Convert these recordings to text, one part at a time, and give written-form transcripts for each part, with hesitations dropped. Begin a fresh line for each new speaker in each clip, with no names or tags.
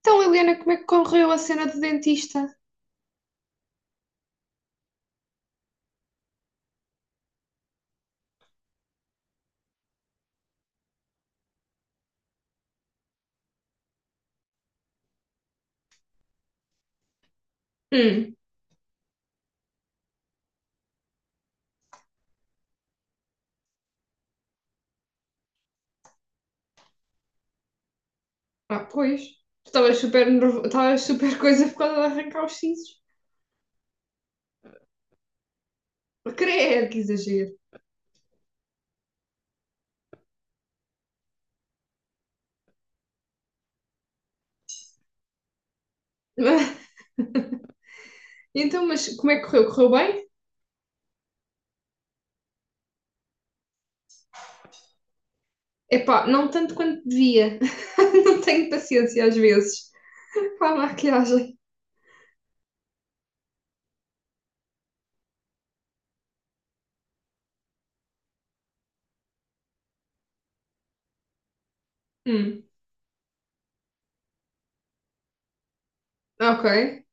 Então, Liliana, como é que correu a cena do dentista? Hum. Ah, pois. Tu Estavas super nervo... Estavas super coisa por causa de arrancar os sisos. Creio, que exagero. Então, mas como é que correu? Correu bem? Epá, não tanto quanto devia. Não tenho paciência às vezes. Para a maquiagem. Hum. Ok.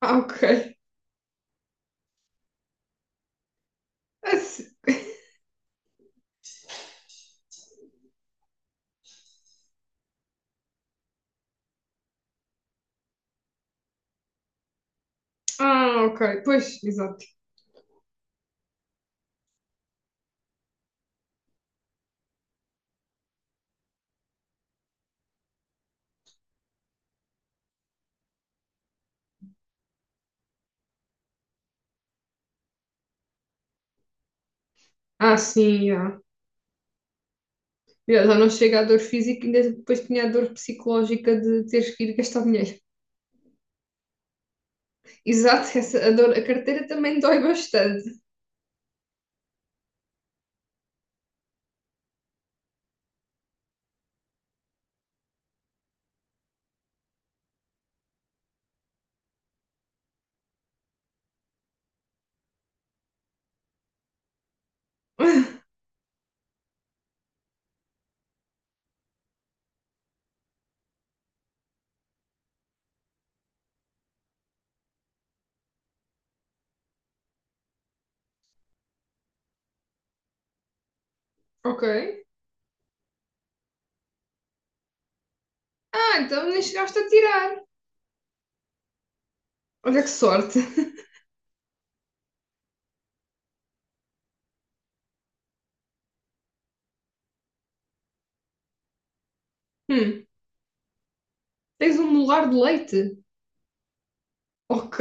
Ah, ok. Ah, ah, ok. Pois, exato. Ah, sim, ah. Já já não chega à dor física, ainda depois tinha a dor psicológica de teres que ir gastar dinheiro. Exato, essa, a, dor, a carteira também dói bastante. Ok. Ah, então nem chegaste a tirar. Olha que sorte. Hum, tens um molar de leite? Ok.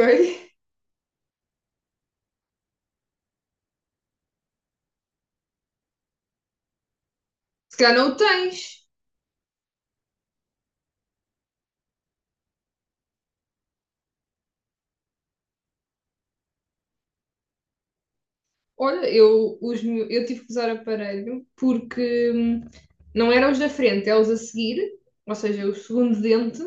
Se calhar não o tens. Olha, eu tive que usar aparelho porque não eram os da frente, é os a seguir, ou seja, o segundo dente.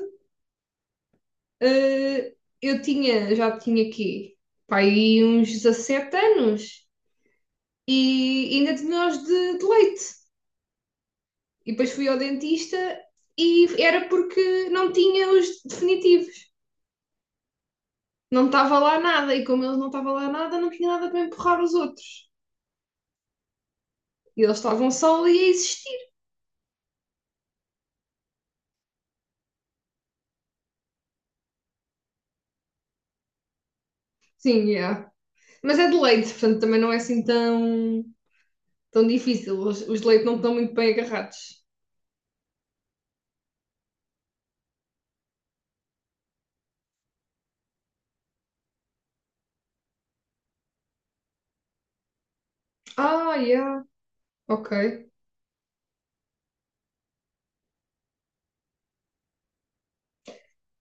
Eh, já tinha aqui, pá, aí uns 17 anos e ainda tinha os de leite. E depois fui ao dentista e era porque não tinha os definitivos. Não estava lá nada, e como eles não estava lá nada, não tinha nada para empurrar os outros. E eles estavam só ali a existir. Sim, yeah. Mas é de leite, portanto também não é assim tão difícil. Os de leite não estão muito bem agarrados. Ah, yeah, ok.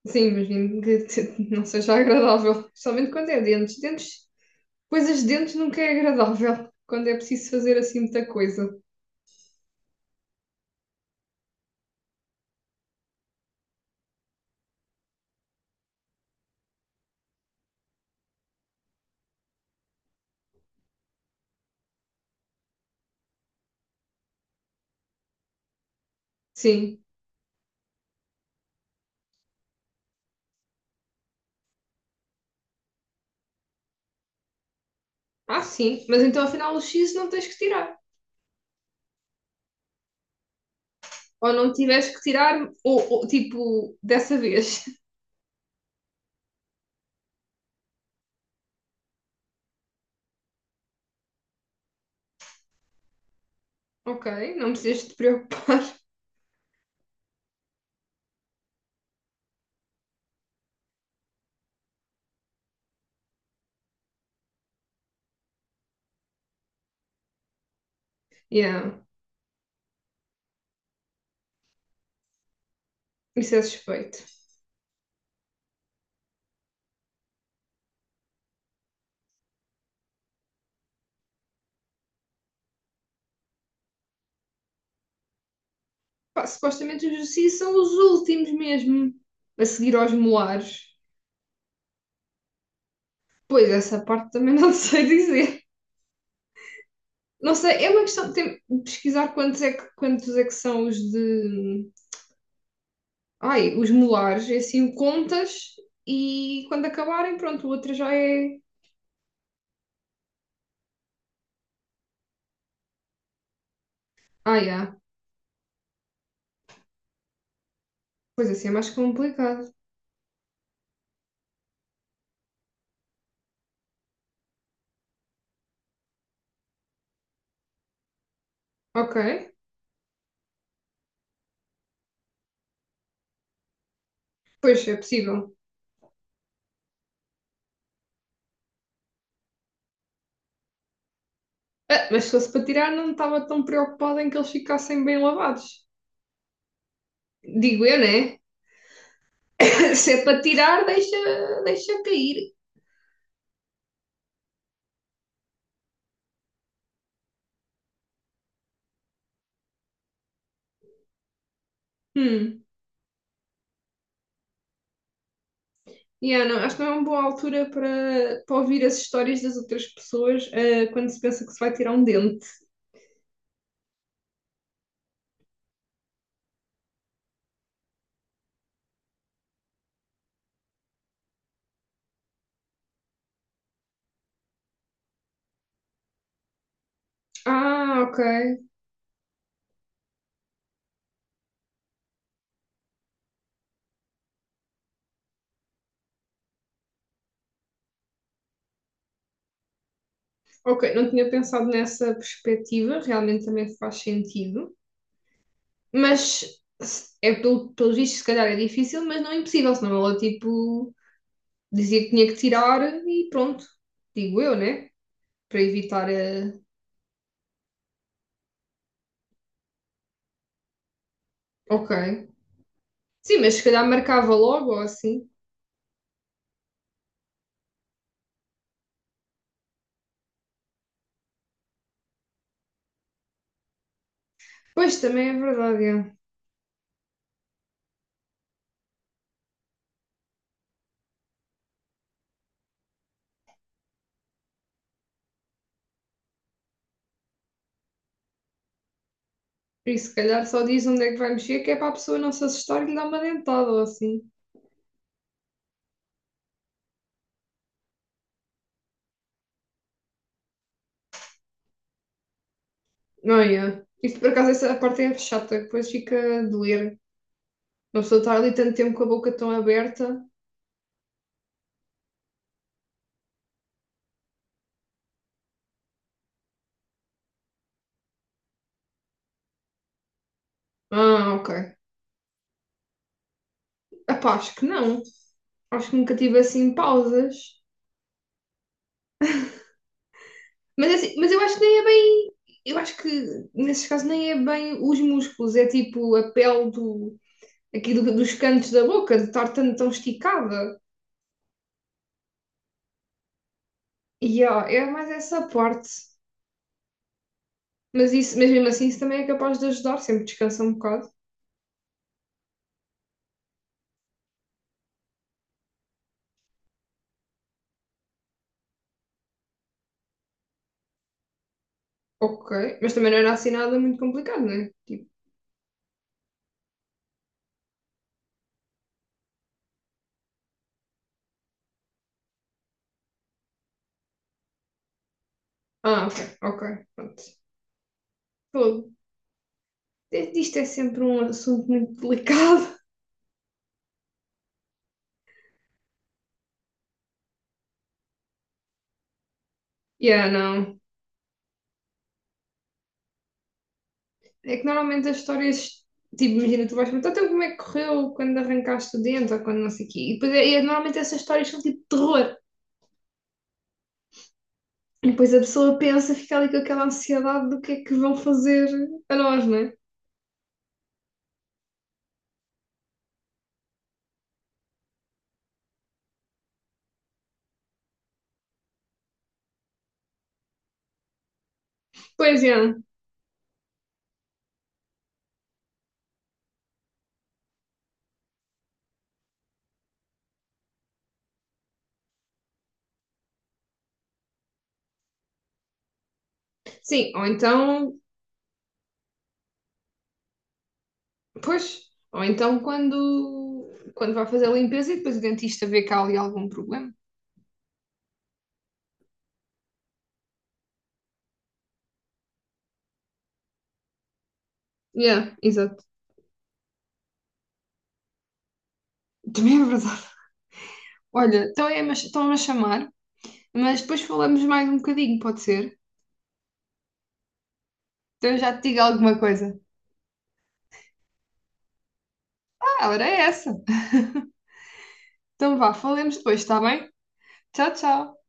Sim, imagino que não seja agradável, especialmente quando é dentes. Dentes, coisas de dentes nunca é agradável, quando é preciso fazer assim muita coisa. Sim, ah, sim, mas então afinal o X não tens que tirar. Ou não tiveste que tirar, tipo, dessa vez. Ok, não precisas te preocupar. Yeah, isso é suspeito. Pá, supostamente os X são os últimos mesmo a seguir aos molares. Pois, essa parte também não sei dizer. Não sei, é uma questão de, de pesquisar quantos é que são os de. Ai, os molares. E assim contas e quando acabarem, pronto, o outro já é. Ah, yeah. Pois assim é mais complicado. Ok, pois é possível. Ah, mas se fosse para tirar, não estava tão preocupada em que eles ficassem bem lavados. Digo eu, né? Se é para tirar, deixa cair. Hum. Yeah, não, acho que não é uma boa altura para ouvir as histórias das outras pessoas, ah, quando se pensa que se vai tirar um dente. Ah, ok. Ok, não tinha pensado nessa perspectiva, realmente também faz sentido. Mas é pelos vistos, se calhar é difícil, mas não é impossível, senão ela tipo dizia que tinha que tirar e pronto, digo eu, né? Para evitar a. Ok. Sim, mas se calhar marcava logo ou assim. Pois também é verdade, é. Por isso, se calhar só diz onde é que vai mexer, que é para a pessoa não se assustar e lhe dar uma dentada ou assim. Não é? Isto por acaso essa parte é chata, que depois fica a doer. Uma pessoa estar ali tanto tempo com a boca tão aberta. Ah, ok. Epá, acho que não. Acho que nunca tive assim pausas. Mas, é assim, mas eu acho que nem é bem. Eu acho que nesses casos nem é bem os músculos, é tipo a pele do, dos cantos da boca, de estar tão esticada. E ó, é mais essa parte. Mas, isso, mas mesmo assim, isso também é capaz de ajudar, sempre descansa um bocado. Ok. Mas também não era assim nada muito complicado, não é? Tipo, ah, ok, ok, pronto. Fogo. É, isto é sempre um assunto muito delicado. Yeah, não. É que normalmente as histórias, tipo, imagina, tu vais perguntar então como é que correu quando arrancaste o dente ou quando não sei o quê. E depois normalmente essas histórias são tipo de terror. E depois a pessoa pensa, fica ali com aquela ansiedade do que é que vão fazer a nós, não é? Pois é. Sim, ou então, pois, ou então quando vai fazer a limpeza e depois o dentista vê que há ali algum problema. Yeah, exato. Também é verdade. Olha, então estão-me a chamar, mas depois falamos mais um bocadinho, pode ser? Então eu já te digo alguma coisa. Ah, ela era essa. Então vá, falemos depois, está bem? Tchau, tchau.